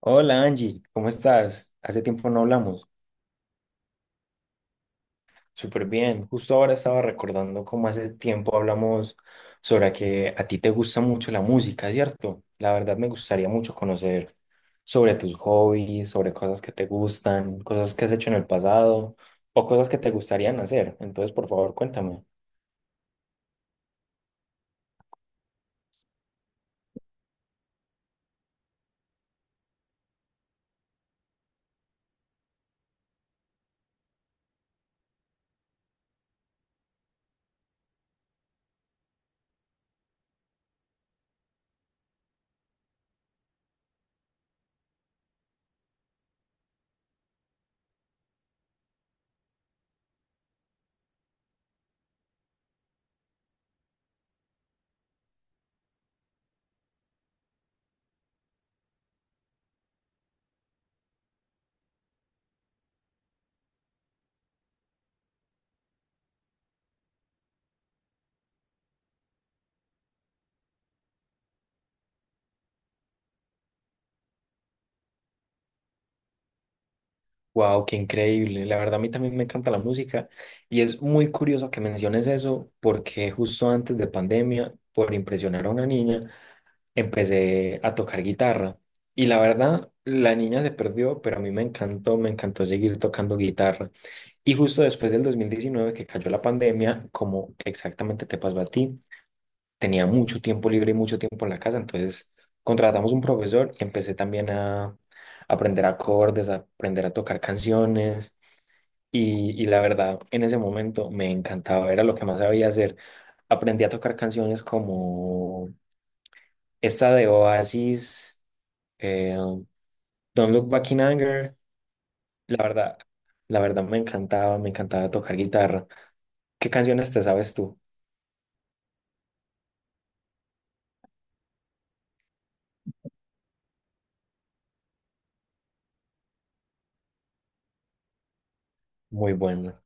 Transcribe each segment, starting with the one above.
Hola Angie, ¿cómo estás? Hace tiempo no hablamos. Súper bien. Justo ahora estaba recordando cómo hace tiempo hablamos sobre que a ti te gusta mucho la música, ¿cierto? La verdad me gustaría mucho conocer sobre tus hobbies, sobre cosas que te gustan, cosas que has hecho en el pasado o cosas que te gustarían hacer. Entonces, por favor, cuéntame. Wow, qué increíble. La verdad, a mí también me encanta la música y es muy curioso que menciones eso porque justo antes de pandemia, por impresionar a una niña, empecé a tocar guitarra. Y la verdad, la niña se perdió, pero a mí me encantó seguir tocando guitarra. Y justo después del 2019 que cayó la pandemia, como exactamente te pasó a ti, tenía mucho tiempo libre y mucho tiempo en la casa, entonces contratamos un profesor y empecé también a aprender acordes, a aprender a tocar canciones. Y la verdad, en ese momento me encantaba, era lo que más sabía hacer. Aprendí a tocar canciones como esta de Oasis. Eh, Don't Look Back in Anger, la verdad, la verdad me encantaba tocar guitarra. ¿Qué canciones te sabes tú? Muy buena,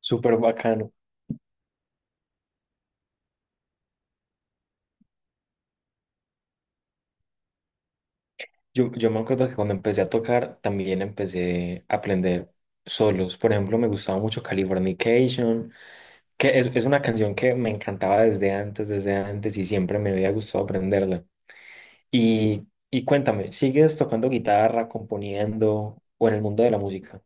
súper bacano. Yo me acuerdo que cuando empecé a tocar también empecé a aprender solos. Por ejemplo, me gustaba mucho Californication, que es una canción que me encantaba desde antes y siempre me había gustado aprenderla. Y cuéntame, ¿sigues tocando guitarra, componiendo o en el mundo de la música?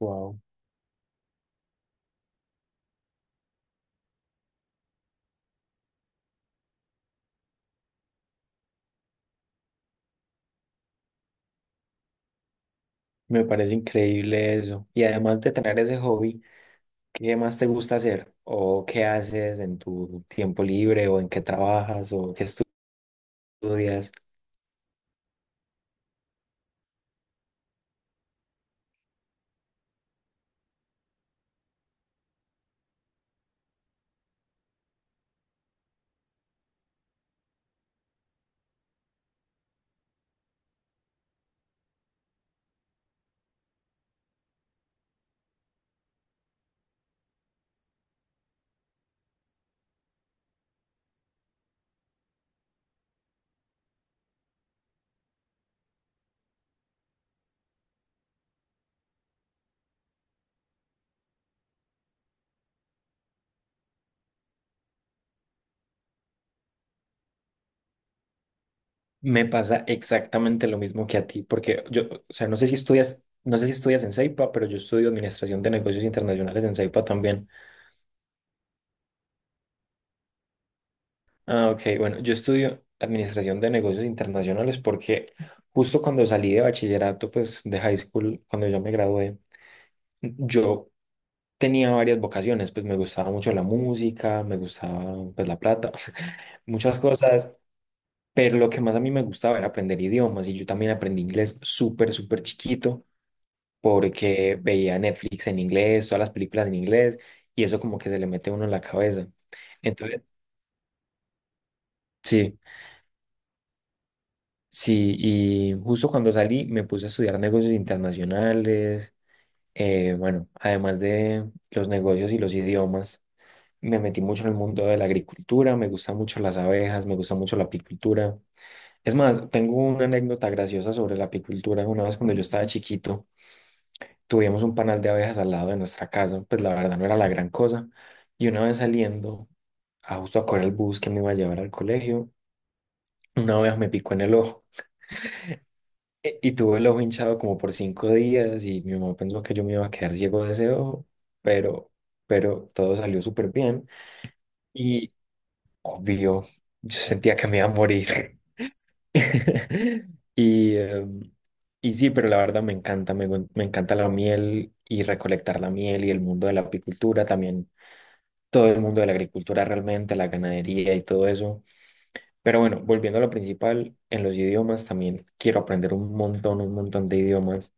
Wow. Me parece increíble eso. Y además de tener ese hobby, ¿qué más te gusta hacer? ¿O qué haces en tu tiempo libre? ¿O en qué trabajas? ¿O qué estudias? Me pasa exactamente lo mismo que a ti, porque o sea, no sé si estudias, no sé si estudias en CEIPA, pero yo estudio Administración de Negocios Internacionales en CEIPA también. Ah, ok, bueno, yo estudio Administración de Negocios Internacionales porque justo cuando salí de bachillerato, pues de high school, cuando yo me gradué, yo tenía varias vocaciones, pues me gustaba mucho la música, me gustaba pues la plata, muchas cosas, pero lo que más a mí me gustaba era aprender idiomas y yo también aprendí inglés súper, súper chiquito porque veía Netflix en inglés, todas las películas en inglés y eso como que se le mete a uno en la cabeza. Entonces, sí, sí, y justo cuando salí me puse a estudiar negocios internacionales, bueno, además de los negocios y los idiomas. Me metí mucho en el mundo de la agricultura, me gustan mucho las abejas, me gusta mucho la apicultura. Es más, tengo una anécdota graciosa sobre la apicultura. Una vez cuando yo estaba chiquito, tuvimos un panal de abejas al lado de nuestra casa, pues la verdad no era la gran cosa. Y una vez saliendo, a justo a correr el bus que me iba a llevar al colegio, una abeja me picó en el ojo. Y tuve el ojo hinchado como por 5 días y mi mamá pensó que yo me iba a quedar ciego de ese ojo, pero, pero todo salió súper bien. Obvio, yo sentía que me iba a morir. Y, eh, y sí, pero la verdad me encanta, me encanta la miel y recolectar la miel y el mundo de la apicultura también, todo el mundo de la agricultura realmente, la ganadería y todo eso. Pero bueno, volviendo a lo principal, en los idiomas también quiero aprender un montón de idiomas.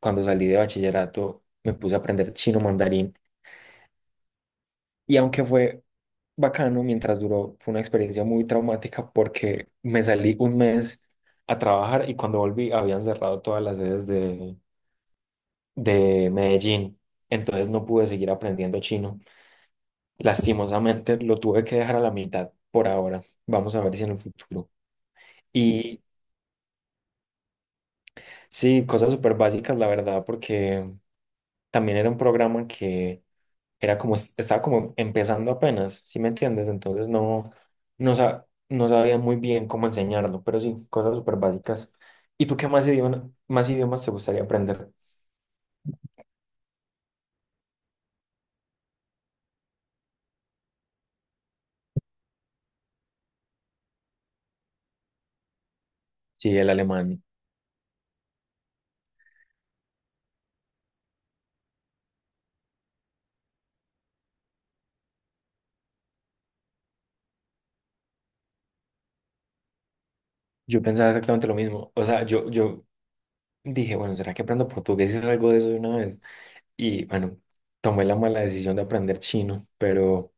Cuando salí de bachillerato me puse a aprender chino mandarín. Y aunque fue bacano, mientras duró, fue una experiencia muy traumática porque me salí un mes a trabajar y cuando volví habían cerrado todas las sedes de Medellín. Entonces no pude seguir aprendiendo chino. Lastimosamente lo tuve que dejar a la mitad por ahora. Vamos a ver si en el futuro. Y sí, cosas súper básicas, la verdad, porque también era un programa que era como, estaba como empezando apenas, ¿sí me entiendes? Entonces no sabía muy bien cómo enseñarlo, pero sí, cosas súper básicas. ¿Y tú qué más idioma, más idiomas te gustaría aprender? Sí, el alemán. Yo pensaba exactamente lo mismo. O sea, yo dije, bueno, ¿será que aprendo portugués y algo de eso de una vez? Y bueno, tomé la mala decisión de aprender chino,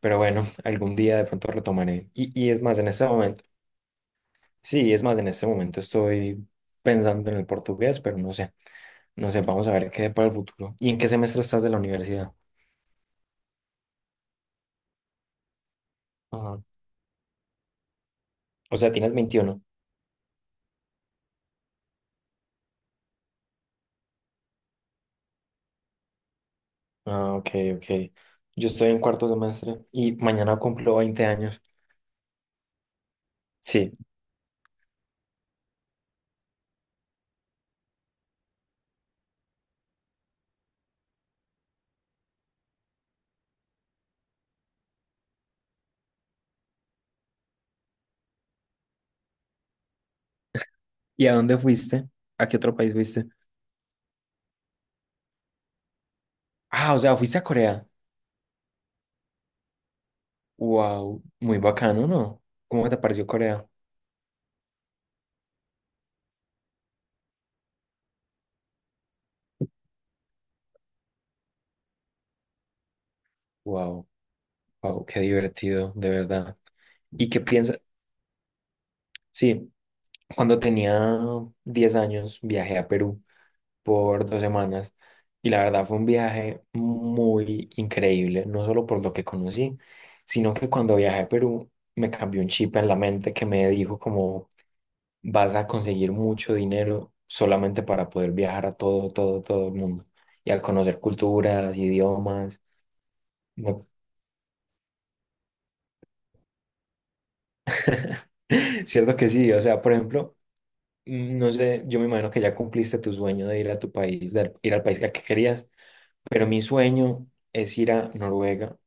pero bueno, algún día de pronto retomaré. Y es más, en este momento, sí, es más, en este momento estoy pensando en el portugués, pero no sé. No sé, vamos a ver qué para el futuro. ¿Y en qué semestre estás de la universidad? Ajá. O sea, tienes 21. Ah, ok, ok. Yo estoy en cuarto semestre y mañana cumplo 20 años. Sí. ¿Y a dónde fuiste? ¿A qué otro país fuiste? Ah, o sea, fuiste a Corea. Wow, muy bacano, ¿no? ¿Cómo te pareció Corea? Wow, wow, qué divertido, de verdad. ¿Y qué piensas? Sí, cuando tenía 10 años viajé a Perú por 2 semanas y la verdad fue un viaje muy increíble, no solo por lo que conocí, sino que cuando viajé a Perú me cambió un chip en la mente que me dijo como vas a conseguir mucho dinero solamente para poder viajar a todo, todo, todo el mundo y a conocer culturas, idiomas. No- Cierto que sí, o sea, por ejemplo, mm, no sé, yo me imagino que ya cumpliste tu sueño de ir a tu país, de ir al país al que querías, pero mi sueño es ir a Noruega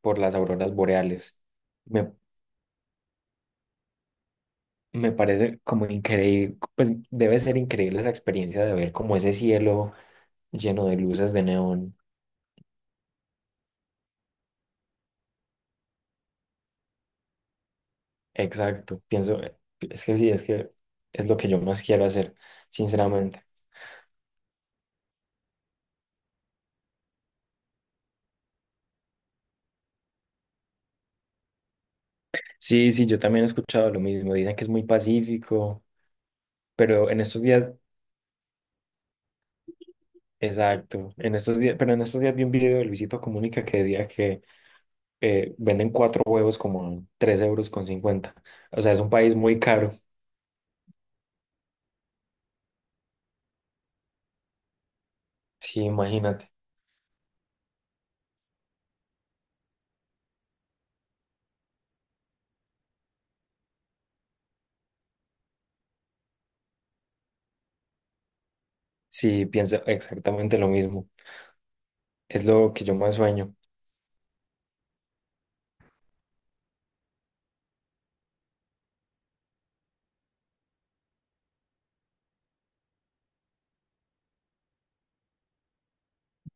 por las auroras boreales. Me, me parece como increíble, pues debe ser increíble esa experiencia de ver como ese cielo lleno de luces de neón. Exacto, pienso, es que sí, es que es lo que yo más quiero hacer, sinceramente. Sí, sí, yo también he escuchado lo mismo, dicen que es muy pacífico, pero en estos días, exacto, en estos días, pero en estos días vi un video de Luisito Comunica que decía que venden cuatro huevos como a 3 euros con cincuenta, o sea, es un país muy caro. Sí, imagínate. Sí, pienso exactamente lo mismo. Es lo que yo más sueño.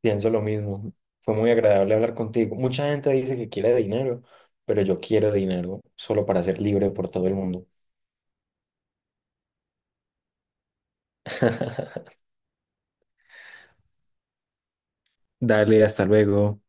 Pienso lo mismo. Fue muy agradable hablar contigo. Mucha gente dice que quiere dinero, pero yo quiero dinero solo para ser libre por todo el mundo. Dale, hasta luego.